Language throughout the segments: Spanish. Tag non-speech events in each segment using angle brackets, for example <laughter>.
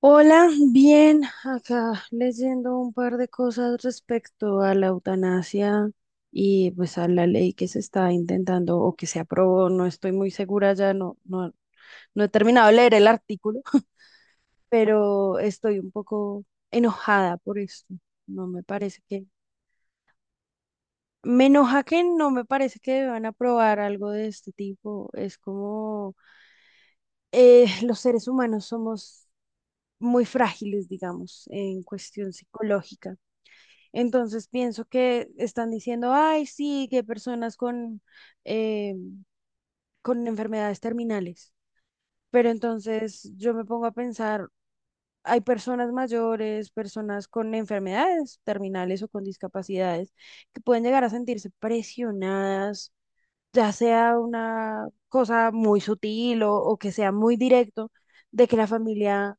Hola, bien, acá leyendo un par de cosas respecto a la eutanasia y pues a la ley que se está intentando o que se aprobó, no estoy muy segura ya, no, no, no he terminado de leer el artículo, <laughs> pero estoy un poco enojada por esto. No me parece que, me enoja que no me parece que deban aprobar algo de este tipo. Es como los seres humanos somos muy frágiles, digamos, en cuestión psicológica. Entonces pienso que están diciendo, ay, sí, que personas eh, con enfermedades terminales. Pero entonces yo me pongo a pensar, hay personas mayores, personas con enfermedades terminales o con discapacidades que pueden llegar a sentirse presionadas, ya sea una cosa muy sutil o que sea muy directo, de que la familia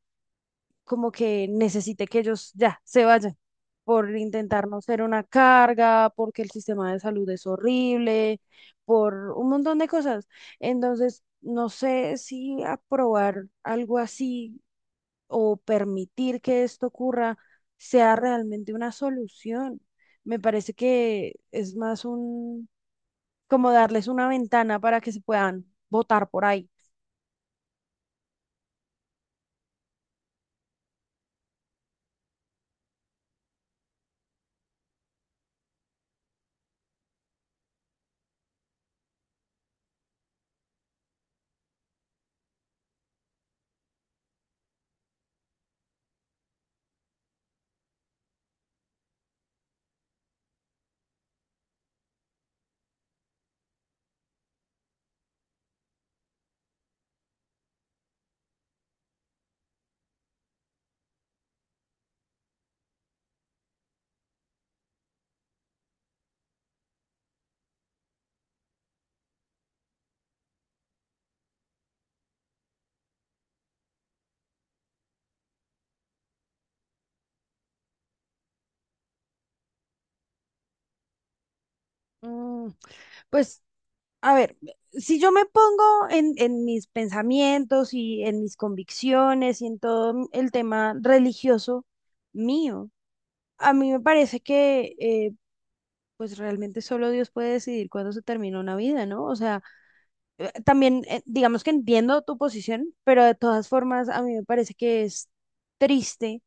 como que necesite que ellos ya se vayan por intentar no ser una carga, porque el sistema de salud es horrible, por un montón de cosas. Entonces, no sé si aprobar algo así o permitir que esto ocurra sea realmente una solución. Me parece que es más un, como darles una ventana para que se puedan votar por ahí. Mm, pues a ver, si yo me pongo en mis pensamientos y en mis convicciones y en todo el tema religioso mío, a mí me parece que pues realmente solo Dios puede decidir cuándo se termina una vida, ¿no? O sea, también, digamos que entiendo tu posición, pero de todas formas, a mí me parece que es triste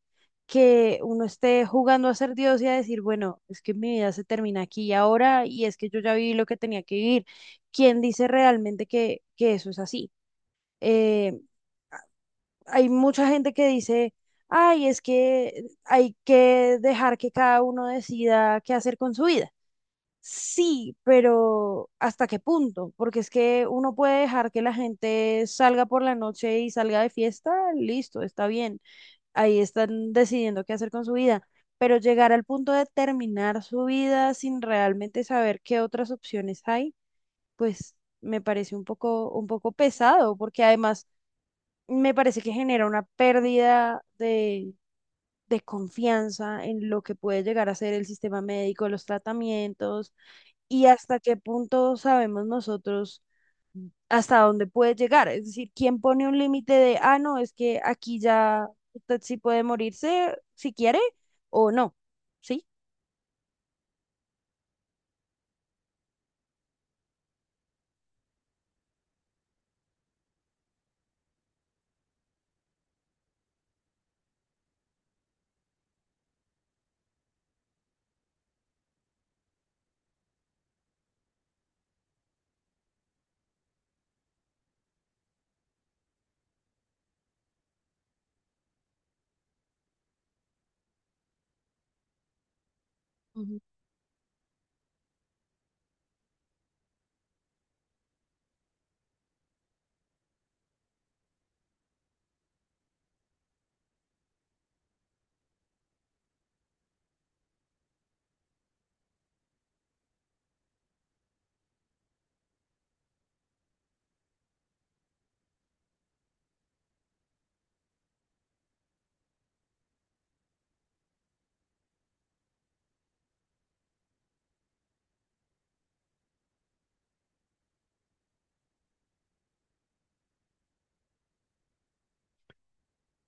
que uno esté jugando a ser Dios y a decir, bueno, es que mi vida se termina aquí y ahora, y es que yo ya viví lo que tenía que vivir. ¿Quién dice realmente que eso es así? Eh, hay mucha gente que dice, ay, es que hay que dejar que cada uno decida qué hacer con su vida. Sí, pero ¿hasta qué punto? Porque es que uno puede dejar que la gente salga por la noche y salga de fiesta, listo, está bien. Ahí están decidiendo qué hacer con su vida. Pero llegar al punto de terminar su vida sin realmente saber qué otras opciones hay, pues me parece un poco pesado, porque además me parece que genera una pérdida de confianza en lo que puede llegar a ser el sistema médico, los tratamientos y hasta qué punto sabemos nosotros hasta dónde puede llegar. Es decir, ¿quién pone un límite de, ah, no, es que aquí ya usted sí puede morirse si quiere o no? ¿Sí? Ujú.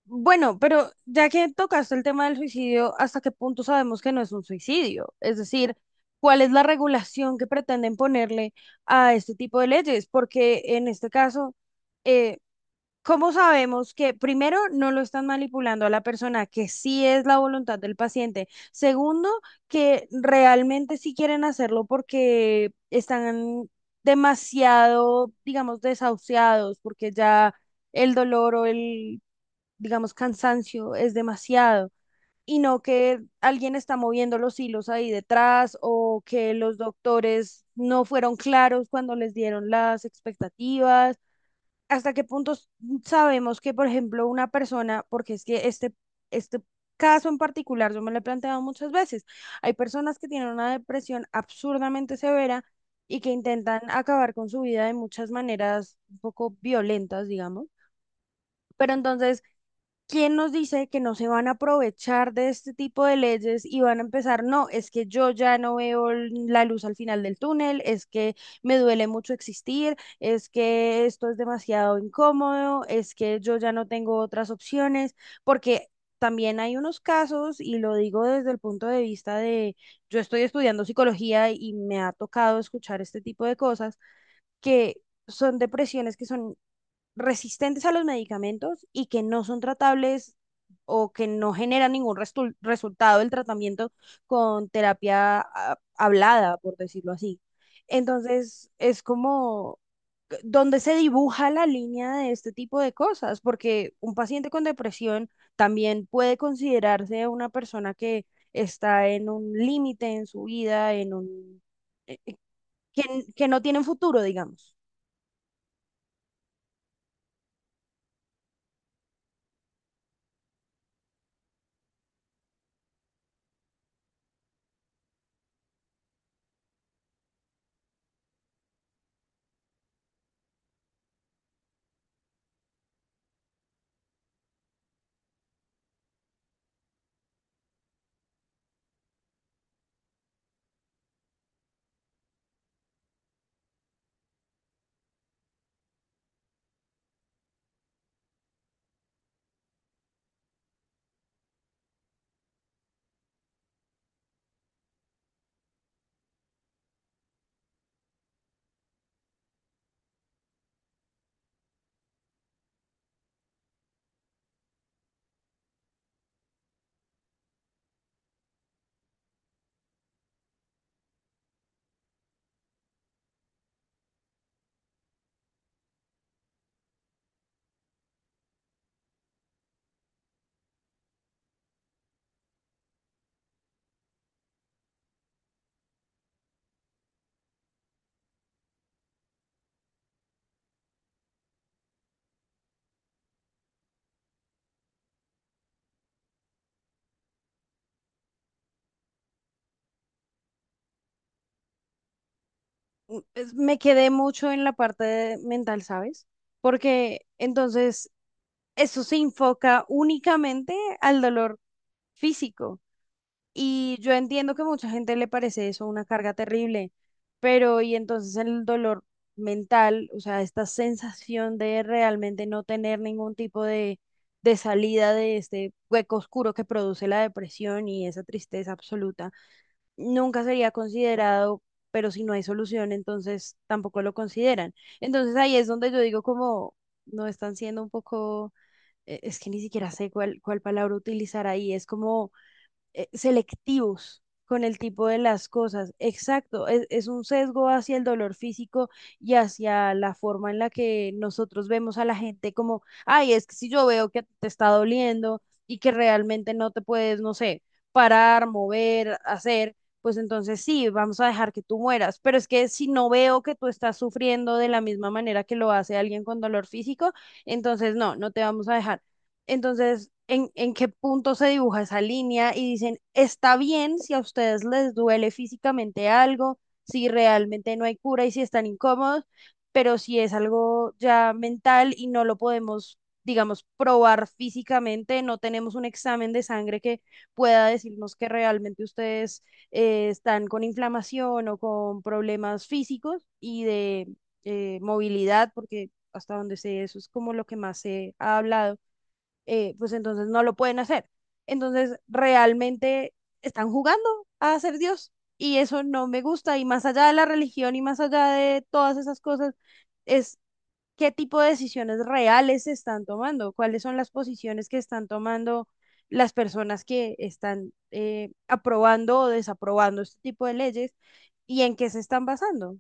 Bueno, pero ya que tocaste el tema del suicidio, ¿hasta qué punto sabemos que no es un suicidio? Es decir, ¿cuál es la regulación que pretenden ponerle a este tipo de leyes? Porque en este caso, eh, ¿cómo sabemos que primero no lo están manipulando a la persona, que sí es la voluntad del paciente? Segundo, que realmente sí quieren hacerlo porque están demasiado, digamos, desahuciados, porque ya el dolor o el, digamos, cansancio es demasiado. Y no que alguien está moviendo los hilos ahí detrás o que los doctores no fueron claros cuando les dieron las expectativas, hasta qué punto sabemos que, por ejemplo, una persona, porque es que este caso en particular, yo me lo he planteado muchas veces, hay personas que tienen una depresión absurdamente severa y que intentan acabar con su vida de muchas maneras un poco violentas, digamos. Pero entonces ¿quién nos dice que no se van a aprovechar de este tipo de leyes y van a empezar? No, es que yo ya no veo la luz al final del túnel, es que me duele mucho existir, es que esto es demasiado incómodo, es que yo ya no tengo otras opciones, porque también hay unos casos, y lo digo desde el punto de vista de, yo estoy estudiando psicología y me ha tocado escuchar este tipo de cosas, que son depresiones que son resistentes a los medicamentos y que no son tratables o que no genera ningún resultado el tratamiento con terapia hablada, por decirlo así. Entonces, es como donde se dibuja la línea de este tipo de cosas, porque un paciente con depresión también puede considerarse una persona que está en un límite en su vida, en un, que no tienen futuro, digamos. Mm, me quedé mucho en la parte de mental, ¿sabes? Porque entonces eso se enfoca únicamente al dolor físico. Y yo entiendo que mucha gente le parece eso una carga terrible, pero y entonces el dolor mental, o sea, esta sensación de realmente no tener ningún tipo de salida de este hueco oscuro que produce la depresión y esa tristeza absoluta, nunca sería considerado, pero si no hay solución, entonces tampoco lo consideran. Entonces ahí es donde yo digo como no están siendo un poco, es que ni siquiera sé cuál palabra utilizar ahí, es como selectivos con el tipo de las cosas. Exacto, es un sesgo hacia el dolor físico y hacia la forma en la que nosotros vemos a la gente como, ay, es que si yo veo que te está doliendo y que realmente no te puedes, no sé, parar, mover, hacer. Pues entonces sí, vamos a dejar que tú mueras. Pero es que si no veo que tú estás sufriendo de la misma manera que lo hace alguien con dolor físico, entonces no, no te vamos a dejar. Entonces, ¿en qué punto se dibuja esa línea? Y dicen, está bien si a ustedes les duele físicamente algo, si realmente no hay cura y si están incómodos, pero si es algo ya mental y no lo podemos, digamos, probar físicamente, no tenemos un examen de sangre que pueda decirnos que realmente ustedes están con inflamación o con problemas físicos y de movilidad, porque hasta donde sé, eso es como lo que más se ha hablado, pues entonces no lo pueden hacer. Entonces, realmente están jugando a ser Dios y eso no me gusta. Y más allá de la religión y más allá de todas esas cosas, es qué tipo de decisiones reales se están tomando, cuáles son las posiciones que están tomando las personas que están aprobando o desaprobando este tipo de leyes y en qué se están basando.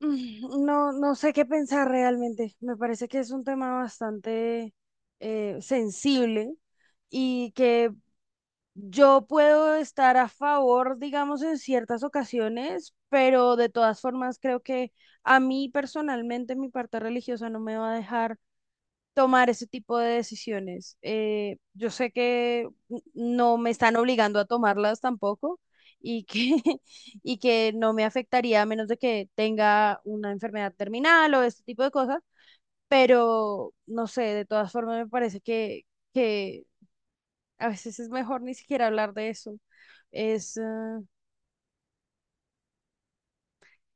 Mm, no, no sé qué pensar realmente. Me parece que es un tema bastante sensible y que yo puedo estar a favor, digamos, en ciertas ocasiones, pero de todas formas creo que a mí personalmente mi parte religiosa no me va a dejar tomar ese tipo de decisiones. Yo sé que no me están obligando a tomarlas tampoco y que, <laughs> y que no me afectaría a menos de que tenga una enfermedad terminal o este tipo de cosas, pero no sé, de todas formas me parece que a veces es mejor ni siquiera hablar de eso. Es, eh,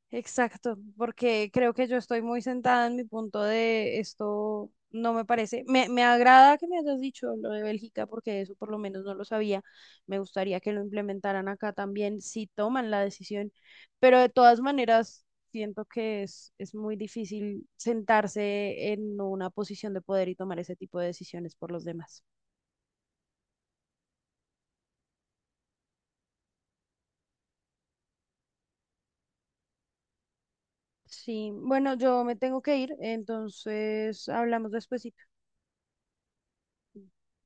Exacto, porque creo que yo estoy muy sentada en mi punto de esto no me parece. Me agrada que me hayas dicho lo de Bélgica, porque eso por lo menos no lo sabía. Me gustaría que lo implementaran acá también, si toman la decisión. Pero de todas maneras, siento que es muy difícil sentarse en una posición de poder y tomar ese tipo de decisiones por los demás. Sí, bueno, yo me tengo que ir, entonces hablamos despuesito.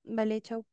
Vale, chao.